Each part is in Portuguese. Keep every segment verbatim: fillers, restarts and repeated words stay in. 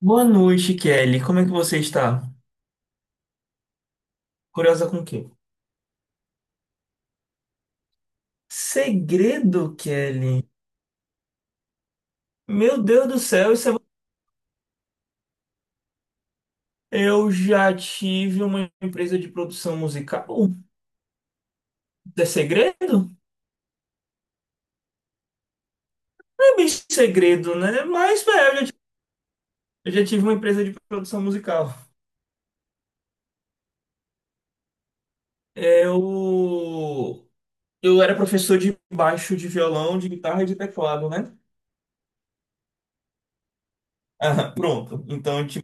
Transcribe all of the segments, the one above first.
Boa noite, Kelly. Como é que você está? Curiosa com o quê? Segredo, Kelly? Meu Deus do céu, isso é... Eu já tive uma empresa de produção musical. É segredo? Não é bem segredo, né? Mas, velho, eu já eu já tive uma empresa de produção musical. Eu... Eu era professor de baixo, de violão, de guitarra e de teclado, né? Ah, pronto. Então, a gente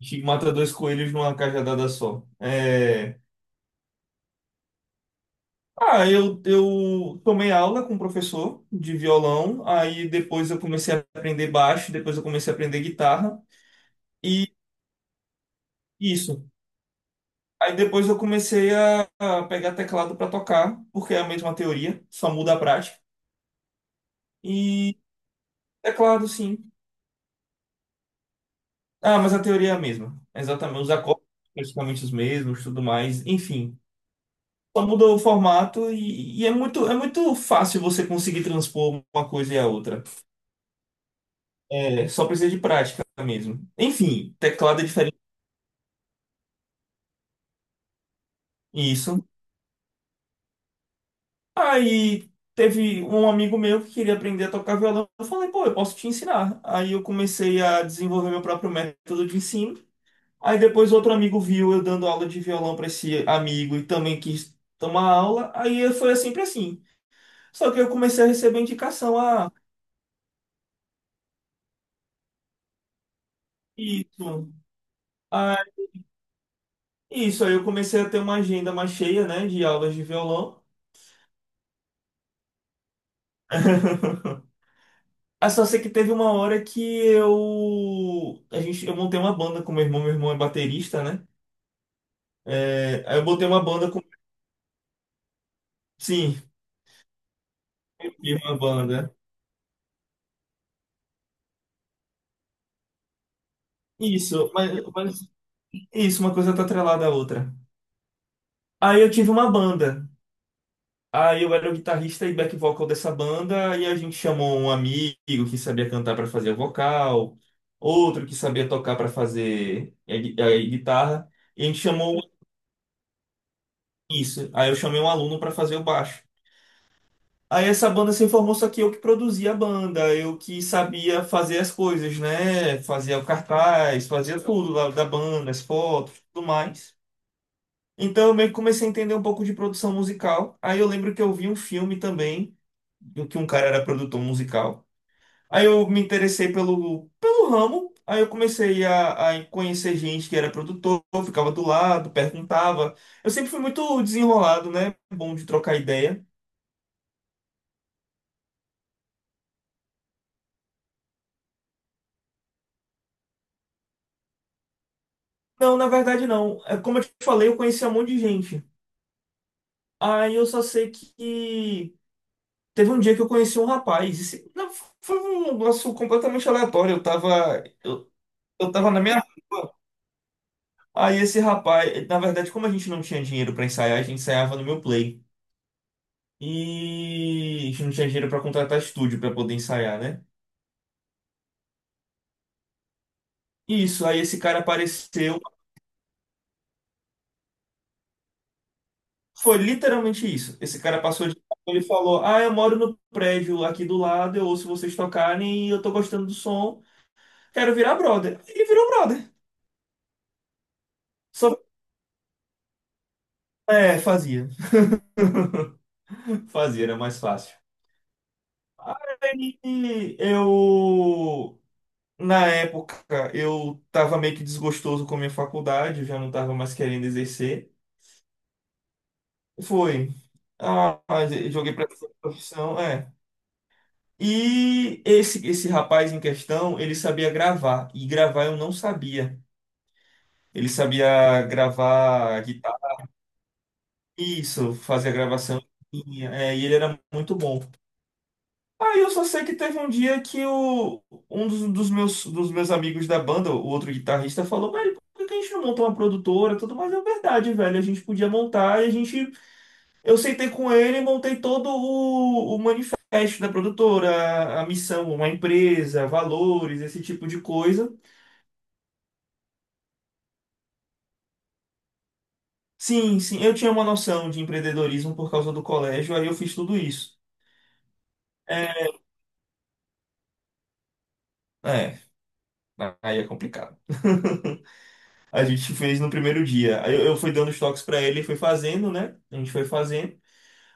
a gente mata dois coelhos numa cajadada só. É... Ah, eu, eu tomei aula com um professor de violão, aí depois eu comecei a aprender baixo, depois eu comecei a aprender guitarra, e isso. Aí depois eu comecei a, a pegar teclado para tocar, porque é a mesma teoria, só muda a prática. E teclado, sim. Ah, mas a teoria é a mesma. É exatamente, os acordes são praticamente os mesmos, tudo mais, enfim. Só muda o formato e, e é muito, é muito fácil você conseguir transpor uma coisa e a outra. É, só precisa de prática mesmo. Enfim, teclado é diferente. Isso. Aí teve um amigo meu que queria aprender a tocar violão. Eu falei, pô, eu posso te ensinar. Aí eu comecei a desenvolver meu próprio método de ensino. Aí depois outro amigo viu eu dando aula de violão para esse amigo e também quis tomar aula. Aí foi sempre assim. Só que eu comecei a receber indicação, ah, isso, ah, isso. Aí eu comecei a ter uma agenda mais cheia, né, de aulas de violão. Ah, só sei que teve uma hora que eu. A gente, eu montei uma banda com meu irmão, meu irmão é baterista, né? É, aí eu botei uma banda com. Sim, eu tive uma banda. Isso, mas, mas isso, uma coisa tá atrelada à outra. Aí eu tive uma banda. Aí eu era o guitarrista e back vocal dessa banda, e a gente chamou um amigo que sabia cantar para fazer o vocal, outro que sabia tocar para fazer a, gui- a guitarra, e a gente chamou isso. Aí eu chamei um aluno para fazer o baixo. Aí essa banda se formou, só que eu que produzia a banda, eu que sabia fazer as coisas, né? Fazia o cartaz, fazia tudo lá da banda, as fotos, tudo mais. Então eu meio que comecei a entender um pouco de produção musical. Aí eu lembro que eu vi um filme também, do que um cara era produtor musical. Aí eu me interessei pelo, pelo ramo, aí eu comecei a, a conhecer gente que era produtor, ficava do lado, perguntava. Eu sempre fui muito desenrolado, né? Bom de trocar ideia. Não, na verdade não. É, como eu te falei, eu conhecia um monte de gente. Aí eu só sei que teve um dia que eu conheci um rapaz. Esse- não, foi um negócio completamente aleatório. Eu tava, eu, eu tava na minha rua. Aí esse rapaz, na verdade, como a gente não tinha dinheiro pra ensaiar, a gente ensaiava no meu play. E a gente não tinha dinheiro pra contratar estúdio pra poder ensaiar, né? Isso, aí esse cara apareceu. Foi literalmente isso. Esse cara passou de carro, ele falou: "Ah, eu moro no prédio aqui do lado, eu ouço vocês tocarem e eu tô gostando do som, quero virar brother". Ele virou brother. Só é, fazia. Fazia, era mais fácil. Aí eu na época eu tava meio que desgostoso com a minha faculdade, eu já não tava mais querendo exercer. Foi. Ah, mas eu joguei pra essa profissão, é. E esse, esse rapaz em questão, ele sabia gravar. E gravar eu não sabia. Ele sabia gravar guitarra, isso, fazer a gravação. É, e ele era muito bom. Aí eu só sei que teve um dia que o, um dos, dos meus, dos meus amigos da banda, o outro guitarrista, falou, velho, por que a gente não montou uma produtora? E tudo mais é verdade, velho. A gente podia montar e a gente. Eu sentei com ele e montei todo o, o manifesto da produtora, a, a missão, uma empresa, valores, esse tipo de coisa. Sim, sim, eu tinha uma noção de empreendedorismo por causa do colégio, aí eu fiz tudo isso. É, é, aí é complicado. A gente fez no primeiro dia. Aí Eu, eu fui dando os toques pra ele, foi fazendo, né? A gente foi fazendo.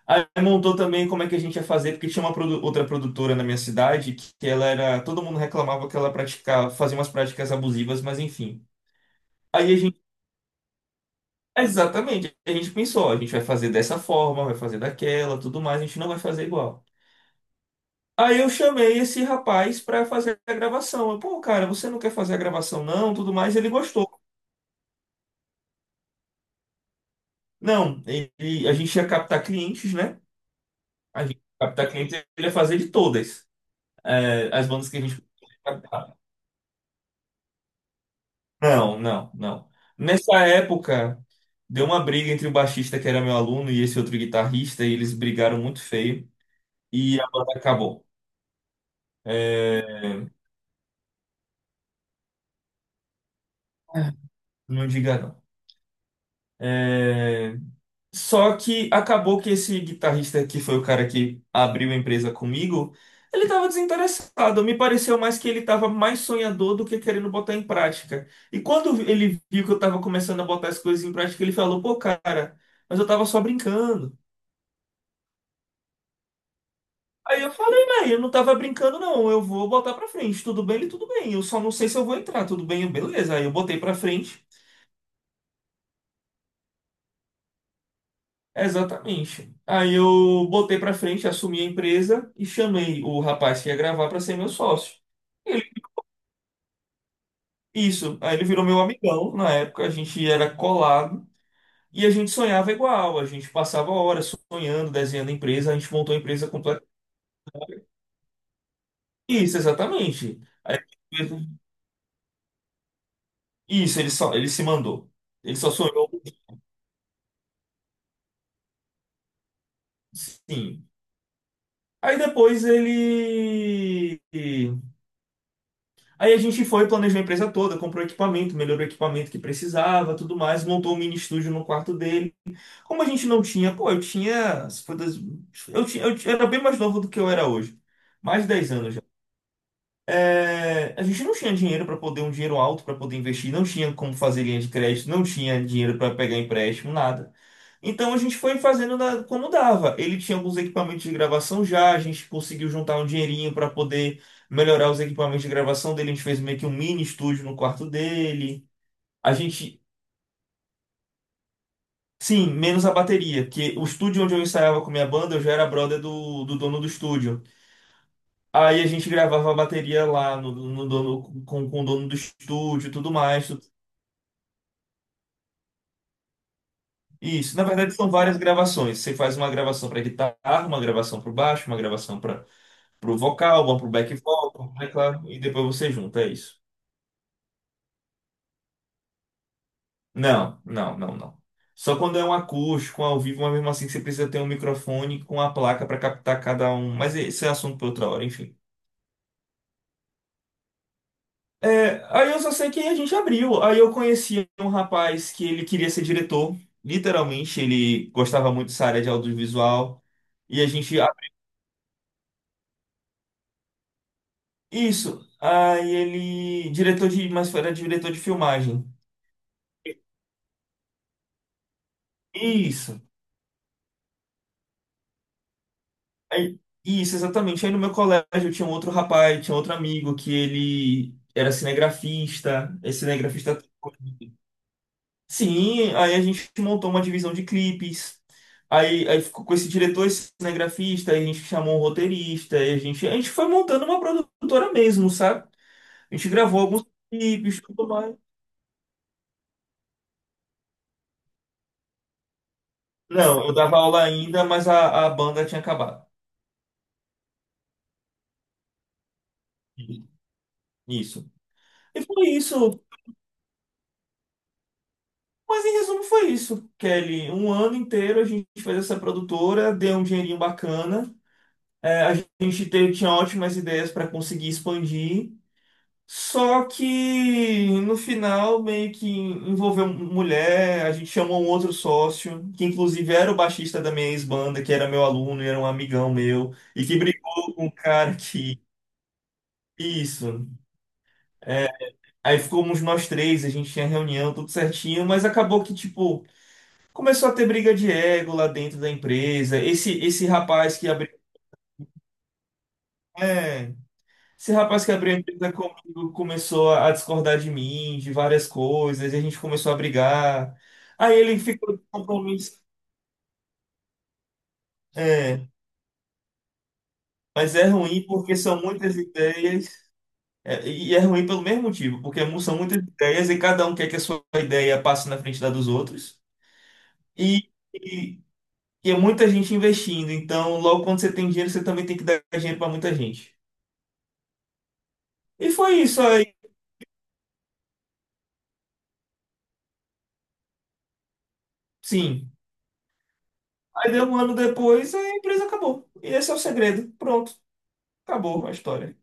Aí montou também como é que a gente ia fazer, porque tinha uma produ- outra produtora na minha cidade que ela era, todo mundo reclamava que ela praticava, fazia umas práticas abusivas, mas enfim. Aí a exatamente. A gente pensou, a gente vai fazer dessa forma, vai fazer daquela, tudo mais, a gente não vai fazer igual. Aí eu chamei esse rapaz pra fazer a gravação. Eu, pô, cara, você não quer fazer a gravação não, tudo mais, ele gostou. Não, ele- a gente ia captar clientes, né? A gente ia captar clientes, ele ia fazer de todas, é, as bandas que a gente captar. Não, não, não. Nessa época, deu uma briga entre o baixista que era meu aluno e esse outro guitarrista, e eles brigaram muito feio, e a banda acabou. É. Não diga não. É, só que acabou que esse guitarrista que foi o cara que abriu a empresa comigo, ele estava desinteressado. Me pareceu mais que ele estava mais sonhador do que querendo botar em prática. E quando ele viu que eu estava começando a botar as coisas em prática, ele falou: "Pô, cara, mas eu estava só brincando". Aí eu falei: "Véi, eu não estava brincando não. Eu vou botar para frente. Tudo bem, ele tudo bem. Eu só não sei se eu vou entrar. Tudo bem, eu, beleza". Aí eu botei para frente. Exatamente. Aí eu botei pra frente, assumi a empresa e chamei o rapaz que ia gravar pra ser meu sócio. Ele- isso. Aí ele virou meu amigão. Na época a gente era colado e a gente sonhava igual. A gente passava horas sonhando, desenhando a empresa. A gente montou a empresa completa. Isso, exatamente. Aí, isso, ele só, ele se mandou. Ele só sonhou. Sim. Aí depois ele. Aí a gente foi, planejou a empresa toda, comprou equipamento, melhorou o equipamento que precisava, tudo mais, montou um mini estúdio no quarto dele. Como a gente não tinha, pô, eu tinha, se for das- eu tinha, eu tinha- era bem mais novo do que eu era hoje, mais de dez anos já. É, a gente não tinha dinheiro para poder, um dinheiro alto para poder investir, não tinha como fazer linha de crédito, não tinha dinheiro para pegar empréstimo, nada. Então a gente foi fazendo da- como dava. Ele tinha alguns equipamentos de gravação já, a gente conseguiu juntar um dinheirinho para poder melhorar os equipamentos de gravação dele. A gente fez meio que um mini estúdio no quarto dele. A gente, sim, menos a bateria, porque o estúdio onde eu ensaiava com minha banda, eu já era brother do, do dono do estúdio. Aí a gente gravava a bateria lá no, no dono, com, com o dono do estúdio, e tudo mais. Tudo- isso, na verdade são várias gravações. Você faz uma gravação para guitarra, uma gravação para baixo, uma gravação para pro vocal, uma pro back vocal, pro teclado, e depois você junta, é isso. Não, não, não, não. Só quando é um acústico, ao vivo, mas mesmo assim que você precisa ter um microfone com a placa para captar cada um. Mas esse é assunto para outra hora, enfim. É, aí eu só sei que a gente abriu. Aí eu conheci um rapaz que ele queria ser diretor. Literalmente, ele gostava muito dessa área de audiovisual. E a gente. Ah, isso. Aí ele. Diretor de. Mas era diretor de filmagem. Isso. Aí- isso, exatamente. Aí no meu colégio tinha um outro rapaz, tinha outro amigo que ele era cinegrafista, é cinegrafista até hoje. Sim, aí a gente montou uma divisão de clipes. Aí, aí ficou com esse diretor, esse cinegrafista, aí a gente chamou um roteirista, aí a gente, a gente foi montando uma produtora mesmo, sabe? A gente gravou alguns clipes, tudo mais. Não, eu dava aula ainda, mas a, a banda tinha acabado. Isso. E foi isso. Mas em resumo foi isso, Kelly. Um ano inteiro a gente fez essa produtora, deu um dinheirinho bacana. É, a gente te- tinha ótimas ideias para conseguir expandir. Só que no final meio que envolveu mulher, a gente chamou um outro sócio, que inclusive era o baixista da minha ex-banda, que era meu aluno e era um amigão meu, e que brigou com o cara que. Isso. É, aí ficamos nós três, a gente tinha reunião, tudo certinho, mas acabou que, tipo. Começou a ter briga de ego lá dentro da empresa. Esse, esse rapaz que abriu. É, esse rapaz que abriu a empresa comigo começou a discordar de mim, de várias coisas, e a gente começou a brigar. Aí ele ficou de compromisso. É, mas é ruim porque são muitas ideias. É, e é ruim pelo mesmo motivo, porque são muitas ideias e cada um quer que a sua ideia passe na frente da dos outros. E, e, e é muita gente investindo. Então, logo quando você tem dinheiro, você também tem que dar dinheiro para muita gente. E foi isso aí. Sim. Aí deu um ano depois, a empresa acabou. E esse é o segredo. Pronto, acabou a história.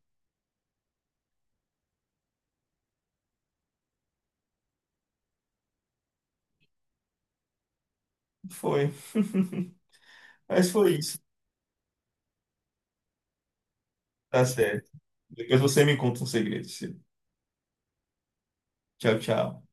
Foi. Mas foi isso. Tá certo. Depois você me conta um segredo. Ciro. Tchau, tchau.